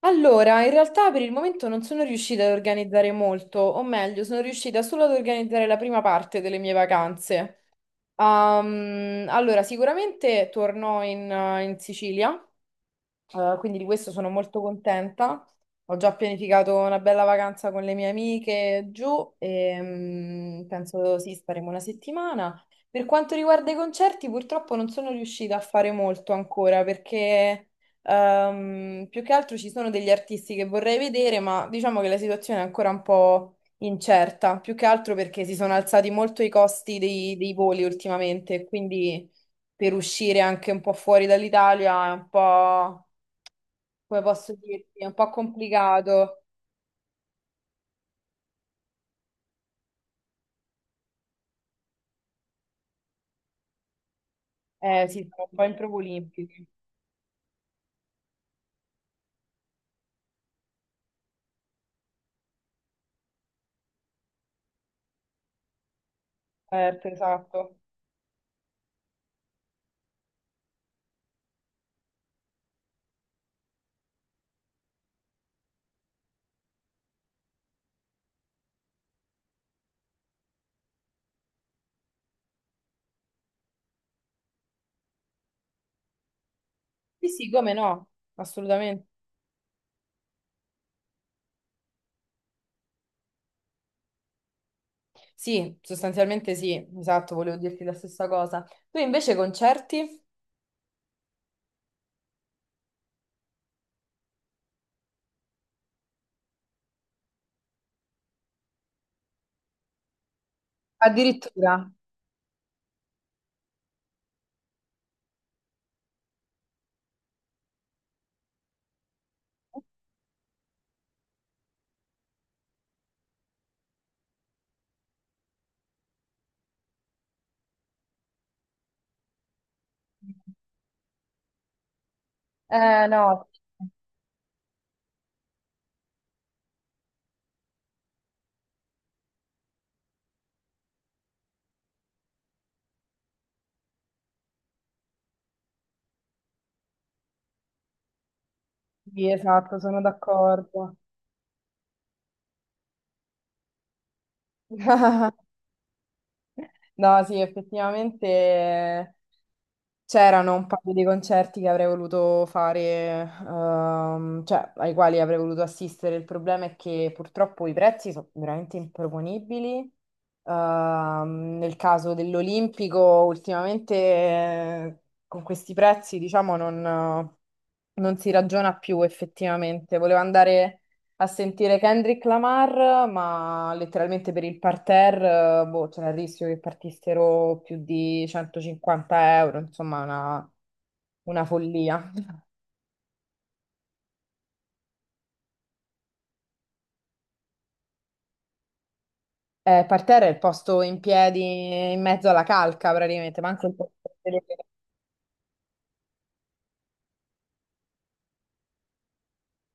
Allora, in realtà per il momento non sono riuscita ad organizzare molto, o meglio, sono riuscita solo ad organizzare la prima parte delle mie vacanze. Allora, sicuramente torno in Sicilia, quindi di questo sono molto contenta. Ho già pianificato una bella vacanza con le mie amiche giù e mm, penso sì, staremo 1 settimana. Per quanto riguarda i concerti, purtroppo non sono riuscita a fare molto ancora perché più che altro ci sono degli artisti che vorrei vedere, ma diciamo che la situazione è ancora un po' incerta, più che altro perché si sono alzati molto i costi dei voli ultimamente, quindi per uscire anche un po' fuori dall'Italia è un po', come posso dirti, è un po' complicato. Eh sì, sono un po' in proprio olimpici. Certo, esatto. Sì, sì, come no, assolutamente. Sì, sostanzialmente sì, esatto, volevo dirti la stessa cosa. Tu invece concerti? Addirittura. Eh no, sì, esatto, sono d'accordo. No, sì, effettivamente c'erano un paio di concerti che avrei voluto fare, cioè ai quali avrei voluto assistere. Il problema è che purtroppo i prezzi sono veramente improponibili. Nel caso dell'Olimpico, ultimamente, con questi prezzi, diciamo, non si ragiona più effettivamente. Volevo andare a sentire Kendrick Lamar, ma letteralmente per il parterre, boh, c'era il rischio che partissero più di 150 euro, insomma, una follia. Parterre è il posto in piedi in mezzo alla calca, praticamente, manco il posto per sedere.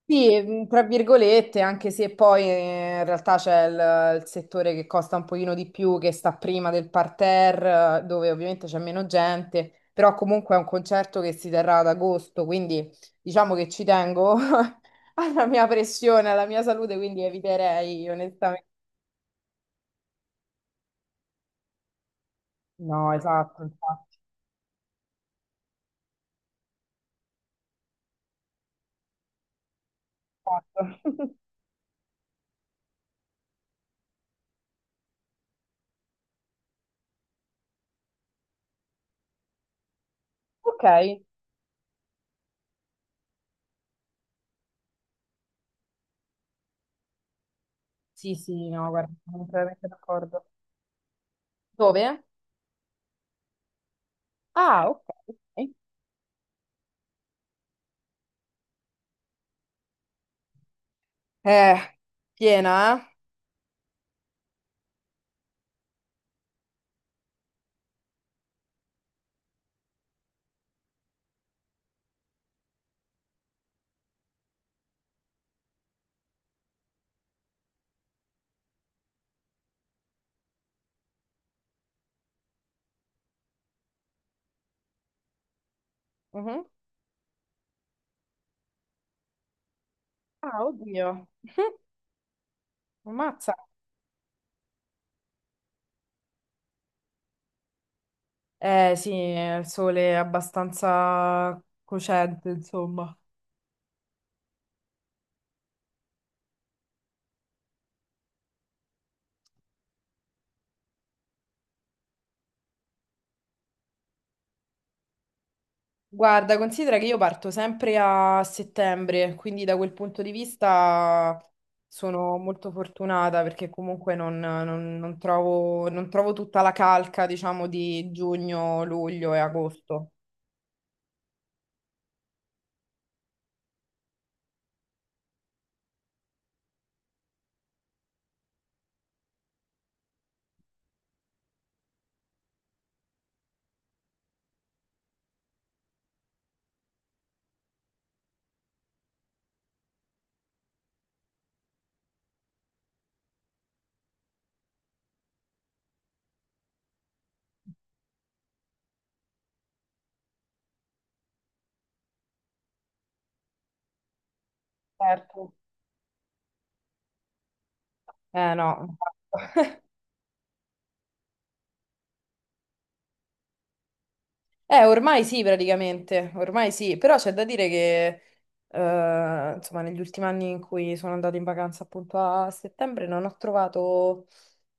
Sì, tra virgolette, anche se poi in realtà c'è il settore che costa un pochino di più, che sta prima del parterre, dove ovviamente c'è meno gente, però comunque è un concerto che si terrà ad agosto, quindi diciamo che ci tengo alla mia pressione, alla mia salute, quindi eviterei onestamente. No, esatto, infatti. Esatto. Ok, sì, sì, no, guarda, sono completamente d'accordo. Dove? Ah, ok. Ok. Eh, piena, eh? Mhm. Ah, oddio. Ammazza. Eh sì, il sole è abbastanza cocente, insomma. Guarda, considera che io parto sempre a settembre, quindi da quel punto di vista sono molto fortunata perché comunque non trovo, non trovo tutta la calca, diciamo, di giugno, luglio e agosto. Certo. Eh no. Ormai sì, praticamente, ormai sì, però c'è da dire che, insomma, negli ultimi anni in cui sono andata in vacanza appunto a settembre non ho trovato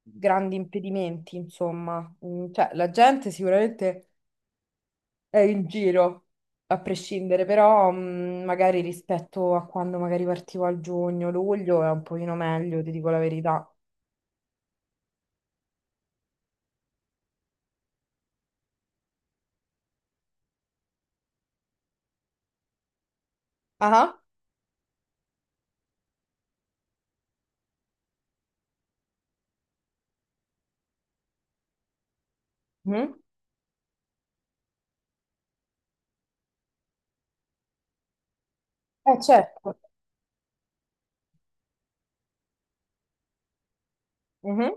grandi impedimenti, insomma. Mm, cioè, la gente sicuramente è in giro, a prescindere, però mm, magari rispetto a quando magari partivo a giugno, luglio è un pochino meglio, ti dico la verità. Ah, ah. Mhm. Certo. Mhm.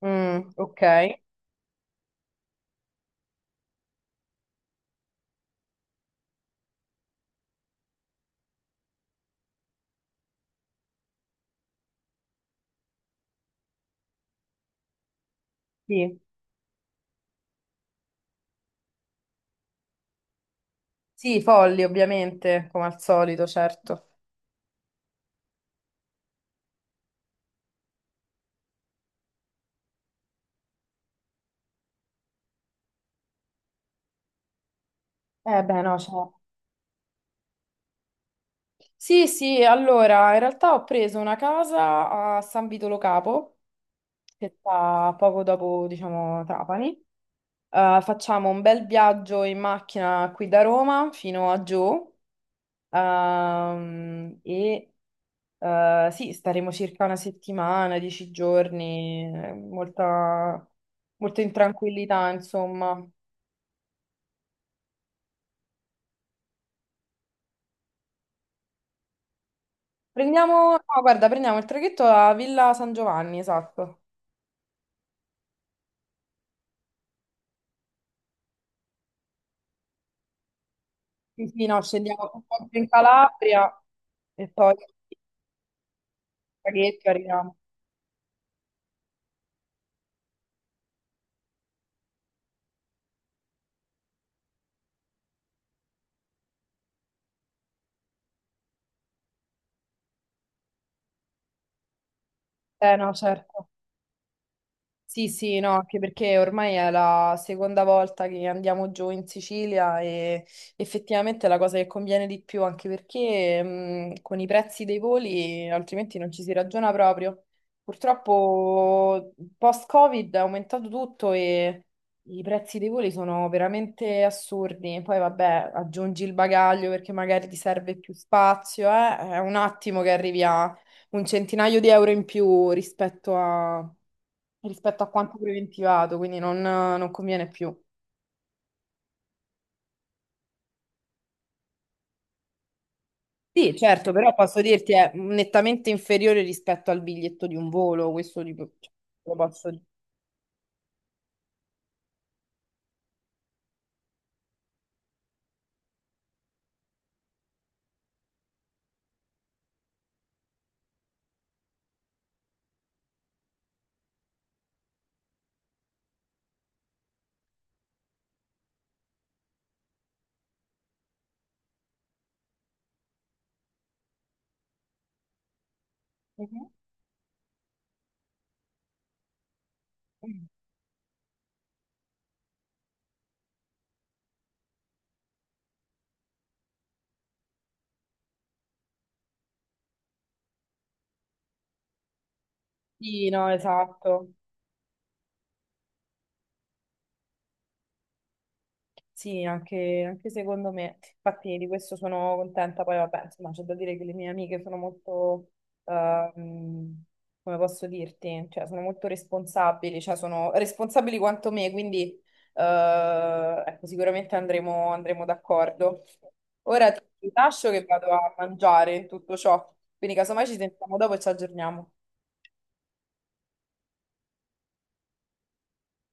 Mm, ok, sì. Sì, folli ovviamente, come al solito, certo. Eh beh, no, cioè, sì, sì, allora, in realtà ho preso una casa a San Vito Lo Capo, che sta poco dopo, diciamo, Trapani. Facciamo un bel viaggio in macchina qui da Roma fino a giù, e, sì, staremo circa una settimana, 10 giorni, molto in tranquillità, insomma. Prendiamo, no, guarda, prendiamo il traghetto a Villa San Giovanni, esatto. Sì, sì, no, scendiamo un po' più in Calabria e poi il traghetto e arriviamo. Eh no, certo. Sì, sì, no, anche perché ormai è la seconda volta che andiamo giù in Sicilia e effettivamente è la cosa che conviene di più, anche perché con i prezzi dei voli altrimenti non ci si ragiona proprio. Purtroppo post-Covid è aumentato tutto e i prezzi dei voli sono veramente assurdi. Poi vabbè, aggiungi il bagaglio perché magari ti serve più spazio, eh? È un attimo che arrivi a un centinaio di euro in più rispetto a quanto preventivato, quindi non conviene più. Sì, certo, però posso dirti è nettamente inferiore rispetto al biglietto di un volo, questo di- lo posso dire. Mhm. Sì, no, esatto. Sì, anche secondo me. Infatti di questo sono contenta. Poi vabbè, insomma, c'è da dire che le mie amiche sono molto, ehm, come posso dirti, cioè sono molto responsabili, cioè sono responsabili quanto me, quindi ecco, sicuramente andremo, andremo d'accordo. Ora ti lascio che vado a mangiare in tutto ciò, quindi casomai ci sentiamo dopo e ci aggiorniamo.